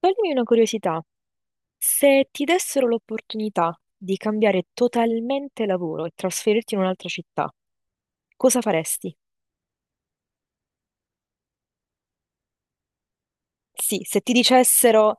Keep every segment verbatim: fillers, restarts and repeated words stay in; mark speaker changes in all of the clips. Speaker 1: Toglimi una curiosità, se ti dessero l'opportunità di cambiare totalmente lavoro e trasferirti in un'altra città, cosa faresti? Sì, se ti dicessero,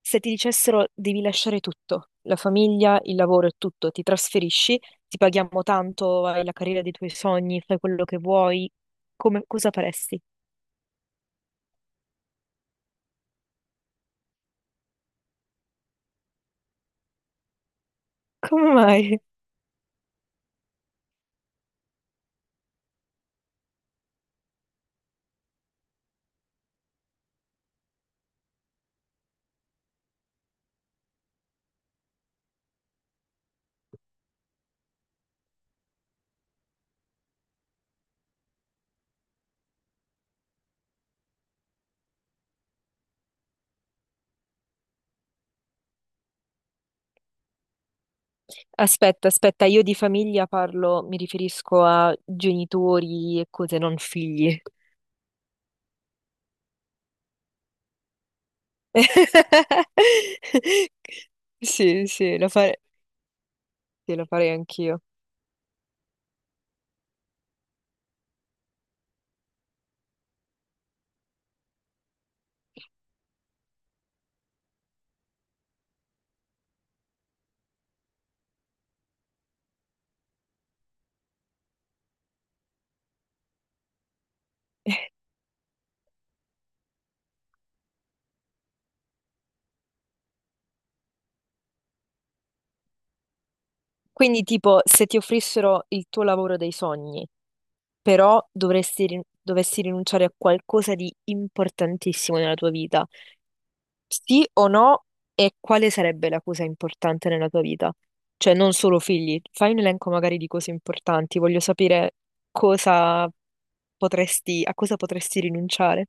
Speaker 1: se ti dicessero devi lasciare tutto, la famiglia, il lavoro e tutto, ti trasferisci, ti paghiamo tanto, hai la carriera dei tuoi sogni, fai quello che vuoi, come- cosa faresti? Come mai? Aspetta, aspetta, io di famiglia parlo, mi riferisco a genitori e cose, non figli. Sì, sì, lo fare- sì, lo farei anch'io. Quindi, tipo, se ti offrissero il tuo lavoro dei sogni, però dovresti rin- dovessi rinunciare a qualcosa di importantissimo nella tua vita, sì o no? E quale sarebbe la cosa importante nella tua vita? Cioè, non solo figli, fai un elenco magari di cose importanti, voglio sapere cosa potresti, a cosa potresti rinunciare.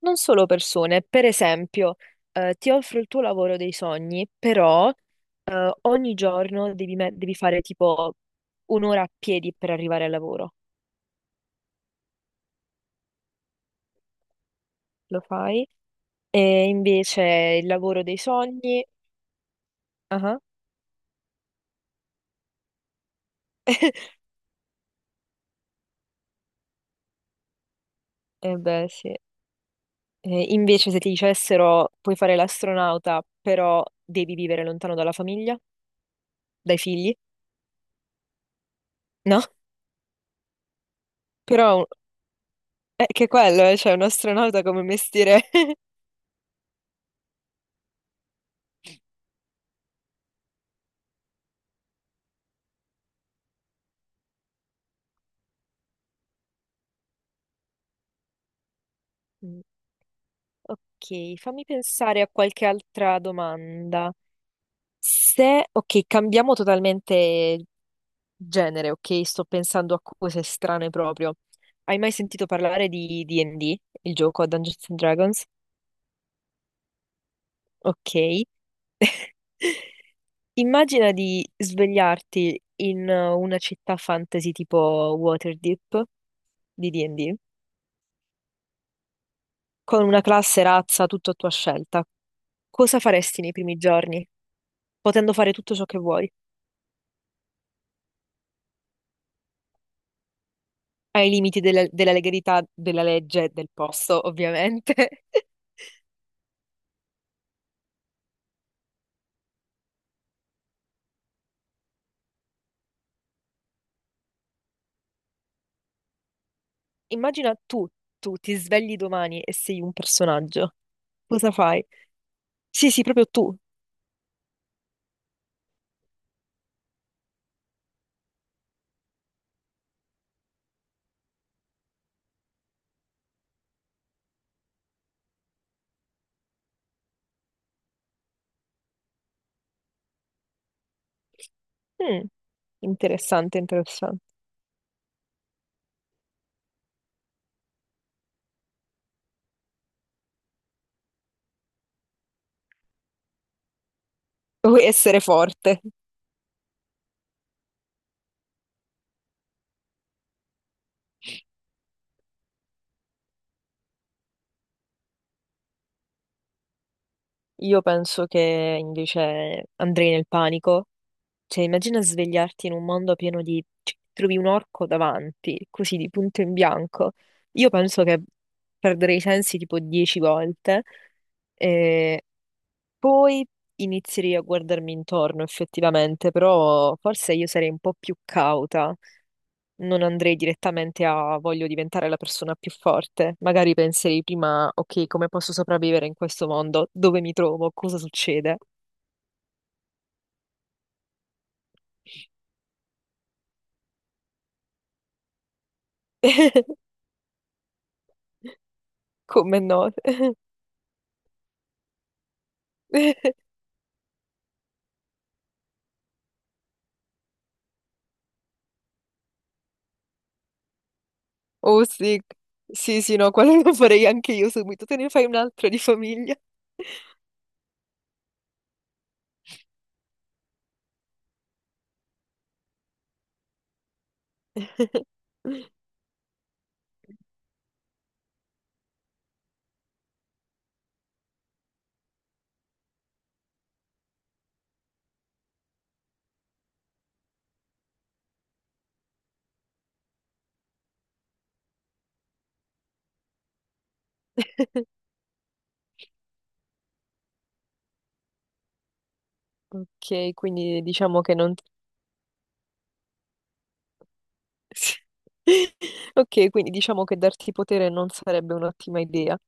Speaker 1: Non solo persone, per esempio, eh, ti offro il tuo lavoro dei sogni, però eh, ogni giorno devi, me- devi fare tipo un'ora a piedi per arrivare al lavoro. Lo fai? E invece il lavoro dei sogni... Ah, eh beh, sì. Eh, invece se ti dicessero puoi fare l'astronauta, però devi vivere lontano dalla famiglia, dai figli, no? Però è che quello, eh, cioè un astronauta come mestiere... Mm, ok, fammi pensare a qualche altra domanda. Se, ok, cambiamo totalmente genere, ok? Sto pensando a cose strane proprio. Hai mai sentito parlare di D e D, il gioco a Dungeons and Dragons? Ok. Immagina di svegliarti in eh, una città fantasy tipo Waterdeep di D e D con una classe, razza, tutto a tua scelta, cosa faresti nei primi giorni, potendo fare tutto ciò che vuoi, ai limiti della, della legalità della legge e del posto, ovviamente? Immagina tu, tu ti svegli domani e sei un personaggio. Cosa fai? Sì, sì, proprio tu. Mm, interessante, interessante. Vuoi essere forte? Io penso che invece andrei nel panico. Cioè, immagina svegliarti in un mondo pieno di... cioè, trovi un orco davanti, così di punto in bianco. Io penso che perderei i sensi tipo dieci volte. E poi inizierei a guardarmi intorno, effettivamente, però forse io sarei un po' più cauta. Non andrei direttamente a voglio diventare la persona più forte. Magari penserei prima, ok, come posso sopravvivere in questo mondo? Dove mi trovo? Cosa succede? Come no? Oh sì, sì, sì, no, quello lo farei anche io subito, te ne fai un altro di famiglia. Ok, quindi diciamo che non... Ok, quindi diciamo che darti potere non sarebbe un'ottima idea.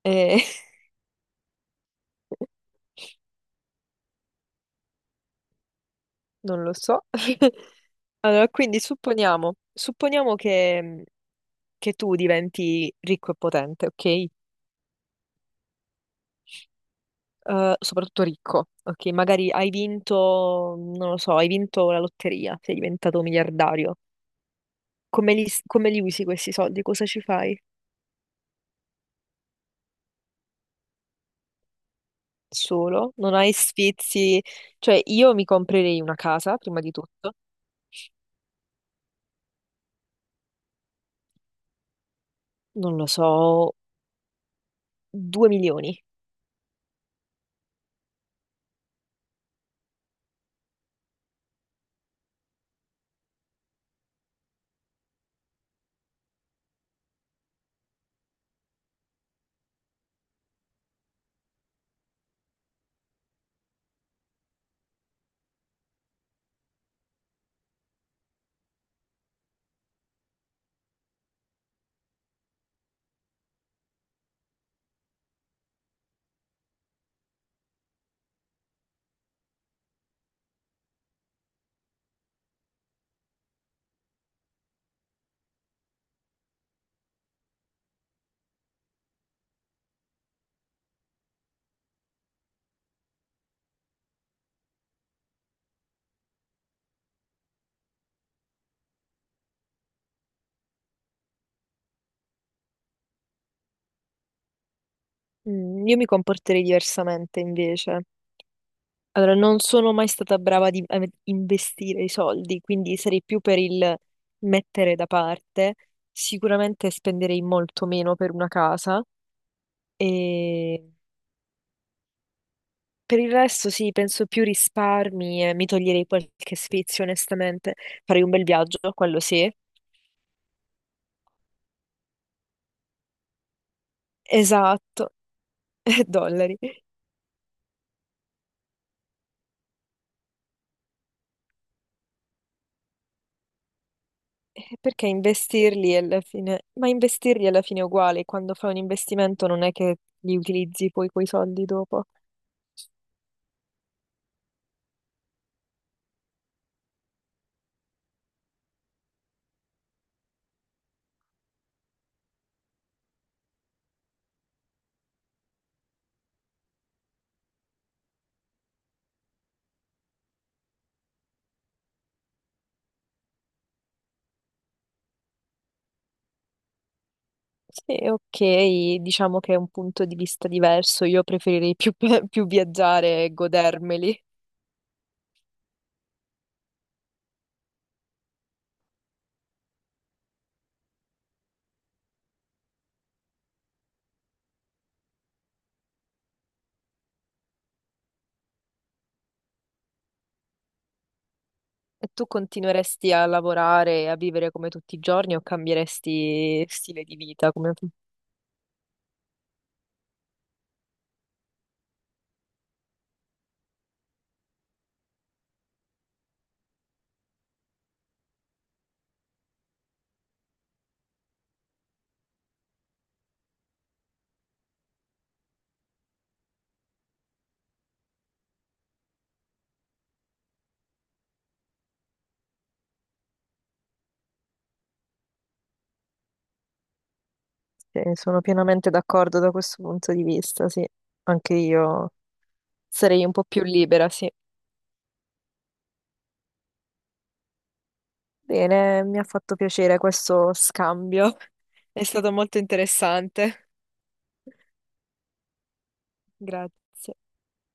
Speaker 1: Eh, non lo so. Allora, quindi supponiamo, supponiamo che, mm, che tu diventi ricco e potente, ok? Eh, soprattutto ricco, ok? Magari hai vinto, non lo so, hai vinto la lotteria, sei diventato miliardario. Come li, s- come li usi questi soldi? Cosa ci fai? Solo? Non hai sfizi? Cioè, io mi comprerei una casa, prima di tutto. Non lo so, due milioni. Mm, io mi comporterei diversamente, invece. Allora, non sono mai stata brava di- a investire i soldi, quindi sarei più per il mettere da parte. Sicuramente spenderei molto meno per una casa e per il resto sì, penso più risparmi e mi toglierei qualche sfizio, onestamente. Farei un bel viaggio, quello sì. Esatto, e dollari. Eh, Perché investirli alla fine... Ma investirli alla fine è uguale, quando fai un investimento non è che li utilizzi poi quei soldi dopo. Sì, ok, diciamo che è un punto di vista diverso, io preferirei più, più viaggiare e godermeli. E tu continueresti a lavorare e a vivere come tutti i giorni o cambieresti stile di vita? Come... Eh, sono pienamente d'accordo da questo punto di vista, sì. Anche io sarei un po' più libera, sì. Bene, mi ha fatto piacere questo scambio. È stato molto interessante. Grazie.